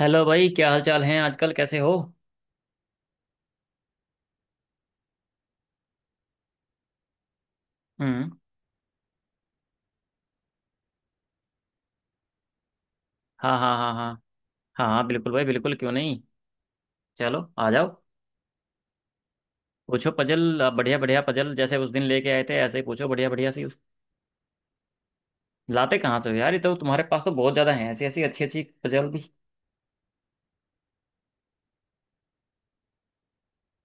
Hello भाई, क्या हाल चाल हैं आजकल? कैसे हो? हम्म। हाँ, हाँ, हाँ, हाँ। हाँ, हाँ, बिल्कुल भाई, बिल्कुल, क्यों नहीं। चलो, आ जाओ। पूछो पजल, आप बढ़िया बढ़िया पजल जैसे उस दिन लेके आए थे ऐसे ही पूछो, बढ़िया बढ़िया सी। लाते कहाँ से हो यार, ये तो तुम्हारे पास तो बहुत ज्यादा हैं ऐसी ऐसी अच्छी अच्छी पजल भी।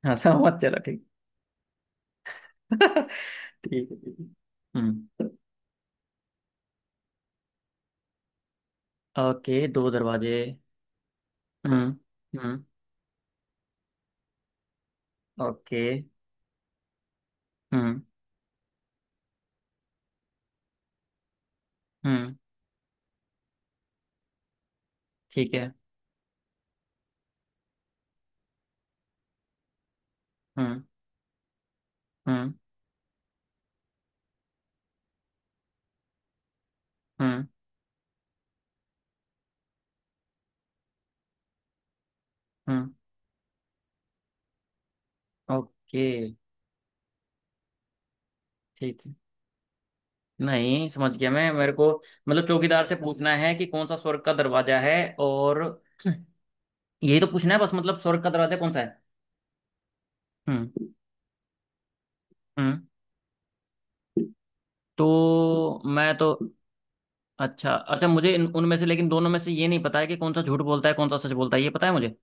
हाँ, सब मत, चलो ठीक। ठीक है, ठीक है। हम्म। ओके, दो दरवाजे। हम्म। हम्म। ओके। हम्म। हम्म। ठीक है। हम्म। हम्म। हम्म। हम्म। ओके। ठीक है। नहीं, समझ गया मैं, मेरे को। मतलब चौकीदार से पूछना है कि कौन सा स्वर्ग का दरवाजा है। और, यही तो पूछना है बस, मतलब स्वर्ग का दरवाजा कौन सा है। हम्म। हम्म। तो मैं तो। अच्छा, अच्छा, मुझे उनमें से, लेकिन दोनों में से ये नहीं पता है कि कौन सा झूठ बोलता है कौन सा सच बोलता है, ये पता है मुझे।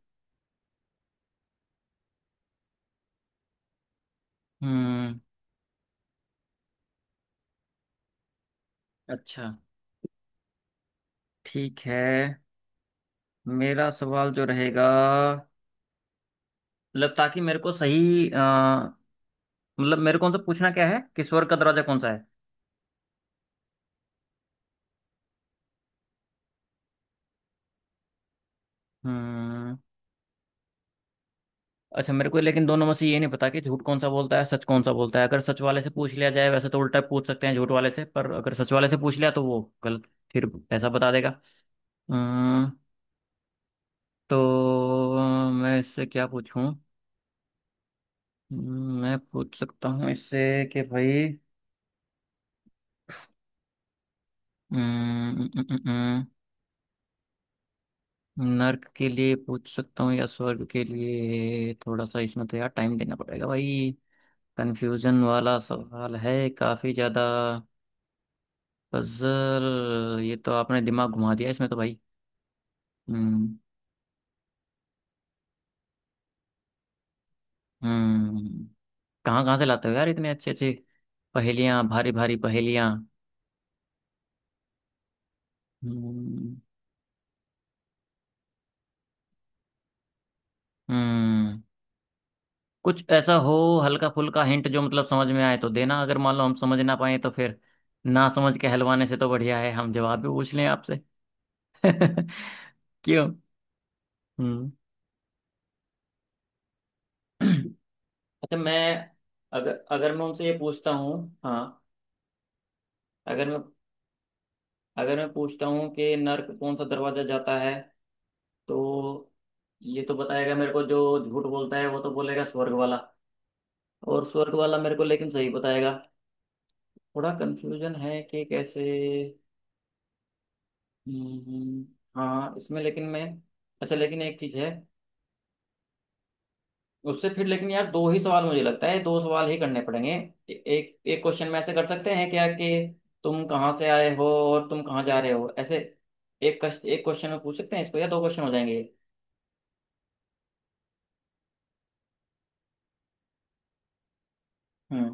हम्म। अच्छा। ठीक है। मेरा सवाल जो रहेगा, मतलब ताकि मेरे को सही मतलब मेरे को उनसे पूछना क्या है कि स्वर्ग का दरवाजा कौन सा है। हम्म। अच्छा, मेरे को लेकिन दोनों में से ये नहीं पता कि झूठ कौन सा बोलता है, सच कौन सा बोलता है। अगर सच वाले से पूछ लिया जाए वैसे तो, उल्टा पूछ सकते हैं झूठ वाले से, पर अगर सच वाले से पूछ लिया तो वो गलत, फिर ऐसा बता देगा। अम्म, तो मैं इससे क्या पूछूं? मैं पूछ सकता हूँ इससे कि भाई, अम्म, अम्म, अम्म, अम्म, नर्क के लिए पूछ सकता हूँ या स्वर्ग के लिए, थोड़ा सा इसमें तो यार टाइम देना पड़ेगा भाई। कंफ्यूजन वाला सवाल है काफी ज्यादा। पजल ये तो आपने दिमाग घुमा दिया इसमें तो भाई। हम्म। हम्म। कहाँ कहाँ से लाते हो यार इतने अच्छे अच्छे पहेलियाँ, भारी भारी पहेलियाँ। हम्म। हम्म। कुछ ऐसा हो हल्का फुल्का हिंट, जो मतलब समझ में आए तो देना, अगर मान लो हम समझ ना पाए तो फिर, ना समझ के हलवाने से तो बढ़िया है हम जवाब भी पूछ लें आपसे। क्यों? हम्म। अच्छा मैं, अगर अगर मैं उनसे ये पूछता हूँ, हाँ, अगर मैं अगर मैं पूछता हूँ कि नर्क कौन सा दरवाजा जाता है, तो ये तो बताएगा मेरे को, जो झूठ बोलता है वो तो बोलेगा स्वर्ग वाला, और स्वर्ग वाला मेरे को लेकिन सही बताएगा। थोड़ा कंफ्यूजन है कि कैसे। हम्म। हाँ इसमें, लेकिन मैं, अच्छा लेकिन एक चीज है, उससे फिर लेकिन यार दो ही सवाल मुझे लगता है, दो सवाल ही करने पड़ेंगे, एक एक क्वेश्चन में ऐसे कर सकते हैं क्या कि, तुम कहाँ से आए हो और तुम कहाँ जा रहे हो, ऐसे। एक क्वेश्चन में पूछ सकते हैं इसको, या दो क्वेश्चन हो जाएंगे। ये?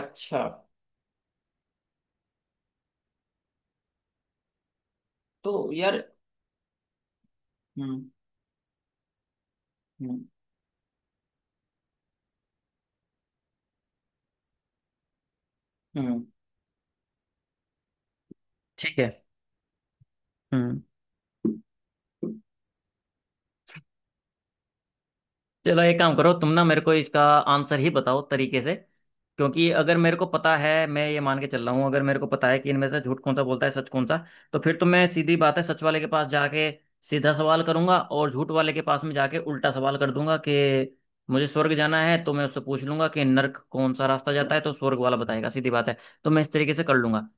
अच्छा, तो यार, हम्म। हम्म। हम्म। ठीक है। हम्म। चलो एक काम करो तुम, ना मेरे को इसका आंसर ही बताओ तरीके से। क्योंकि अगर मेरे को पता है, मैं ये मान के चल रहा हूँ, अगर मेरे को पता है कि इनमें से झूठ कौन सा बोलता है सच कौन सा, तो फिर तो मैं, सीधी बात है, सच वाले के पास जाके सीधा सवाल करूंगा, और झूठ वाले के पास में जाके उल्टा सवाल कर दूंगा कि, मुझे स्वर्ग जाना है तो मैं उससे पूछ लूंगा कि नर्क कौन सा रास्ता जाता है, तो स्वर्ग वाला बताएगा, सीधी बात है। तो मैं इस तरीके से कर लूंगा।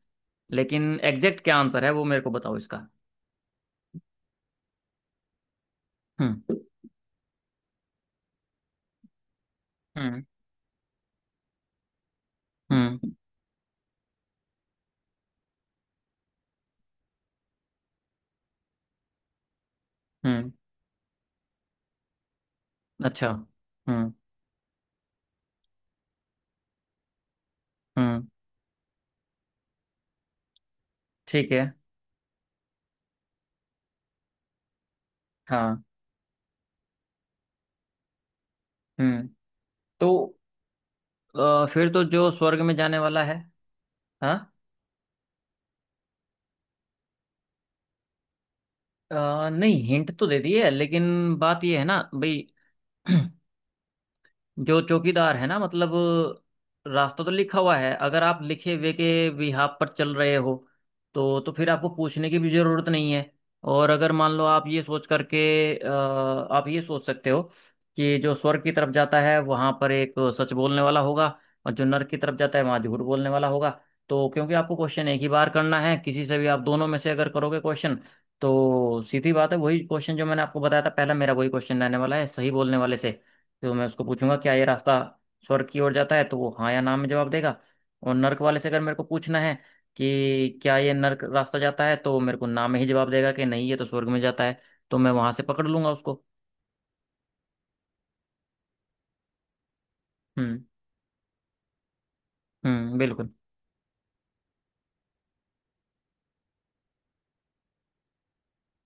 लेकिन एग्जैक्ट क्या आंसर है वो मेरे को बताओ इसका। हम्म। हम्म। हम्म। हम्म। अच्छा। हम्म। हम्म। ठीक है। हाँ। हम्म। तो फिर तो जो स्वर्ग में जाने वाला है, हाँ, नहीं, हिंट तो दे दी है लेकिन बात यह है ना भाई। जो चौकीदार है ना, मतलब रास्ता तो लिखा हुआ है, अगर आप लिखे हुए के बिहाफ पर चल रहे हो, तो फिर आपको पूछने की भी जरूरत नहीं है। और अगर मान लो आप ये सोच करके, अ, आप ये सोच सकते हो कि जो स्वर्ग की तरफ जाता है वहां पर एक सच बोलने वाला होगा, और जो नर्क की तरफ जाता है वहां झूठ बोलने वाला होगा। तो क्योंकि आपको क्वेश्चन एक ही बार करना है किसी से भी, आप दोनों में से अगर करोगे क्वेश्चन, तो सीधी बात है, वही क्वेश्चन जो मैंने आपको बताया था पहला मेरा, वही क्वेश्चन रहने वाला है सही बोलने वाले से। तो मैं उसको पूछूंगा क्या ये रास्ता स्वर्ग की ओर जाता है, तो वो हाँ या ना में जवाब देगा। और नर्क वाले से अगर मेरे को पूछना है कि क्या ये नर्क रास्ता जाता है, तो वो मेरे को ना में ही जवाब देगा कि नहीं ये तो स्वर्ग में जाता है। तो मैं वहां से पकड़ लूंगा उसको। हम्म। हम्म। बिल्कुल।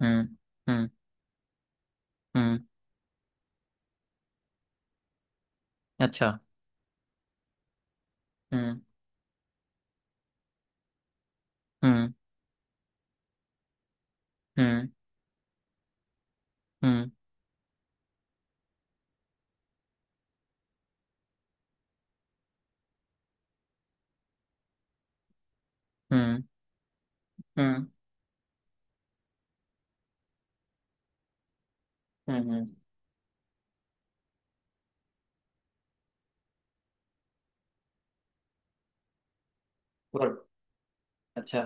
हम्म। हम्म। हम्म। अच्छा। हम्म। हम्म। हम्म। हम्म। हम्म। हम्म। हम्म। स्वर्ग। अच्छा।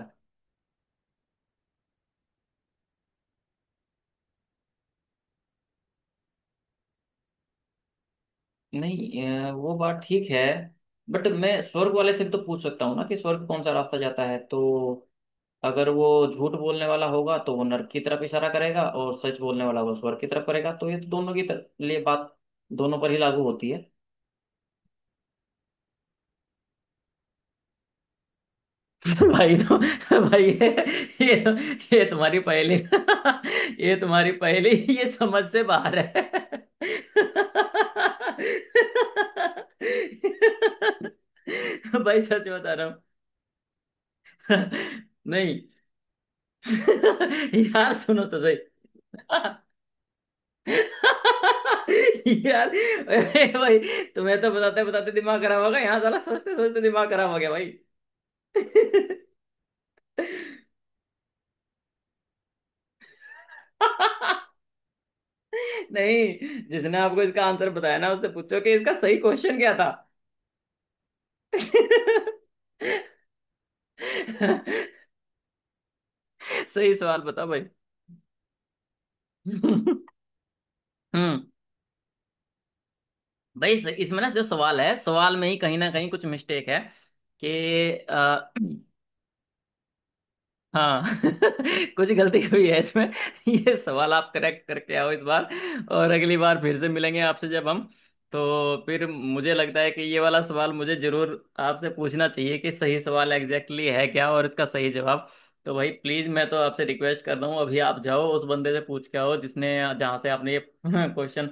नहीं, वो बात ठीक है। बट मैं स्वर्ग वाले से भी तो पूछ सकता हूँ ना कि स्वर्ग कौन सा रास्ता जाता है, तो अगर वो झूठ बोलने वाला होगा तो वो नर्क की तरफ इशारा करेगा, और सच बोलने वाला होगा स्वर्ग की तरफ करेगा। तो ये तो दोनों की लिए बात, दोनों पर ही लागू होती है। भाई तो, भाई ये, ये, तो, ये तुम्हारी पहेली, ये तुम्हारी पहेली, ये समझ से बाहर है। भाई सच बता रहा हूँ। नहीं। यार सुनो तो सही। यार, अरे भाई, तुम्हें तो बताते बताते दिमाग खराब हो गया, यहाँ साला सोचते सोचते दिमाग खराब हो गया भाई। नहीं, जिसने आपको इसका आंसर बताया ना उससे पूछो कि इसका सही क्वेश्चन क्या था। सही सवाल बता भाई। हम्म। भाई इसमें ना जो सवाल है, सवाल में ही कहीं ना कहीं कुछ मिस्टेक है कि, हाँ। कुछ गलती हुई है इसमें। ये सवाल आप करेक्ट करके आओ इस बार, और अगली बार फिर से मिलेंगे आपसे जब हम, तो फिर मुझे लगता है कि ये वाला सवाल मुझे जरूर आपसे पूछना चाहिए कि सही सवाल एग्जैक्टली है क्या, और इसका सही जवाब। तो भाई प्लीज, मैं तो आपसे रिक्वेस्ट कर रहा हूँ अभी, आप जाओ उस बंदे से पूछ के आओ जिसने, जहाँ से आपने ये क्वेश्चन,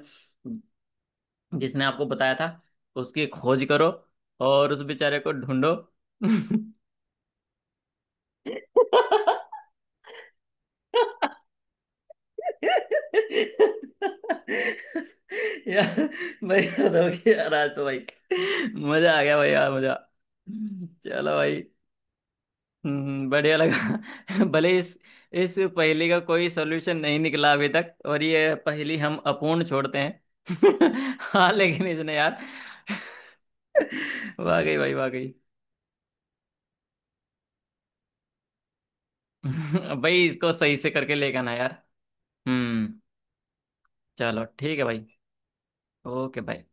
जिसने आपको बताया था, उसकी खोज करो, और उस बेचारे को ढूंढो। यार भाई, याद हो गया यार आज तो भाई, मजा आ गया भाई, यार मजा। चलो भाई। हम्म, बढ़िया लगा। भले इस पहेली का कोई सॉल्यूशन नहीं निकला अभी तक, और ये पहेली हम अपूर्ण छोड़ते हैं। हाँ लेकिन इसने यार, वाकई भाई, वाकई। भाई इसको सही से करके लेकर आना यार। हम्म। चलो, ठीक है भाई। ओके भाई।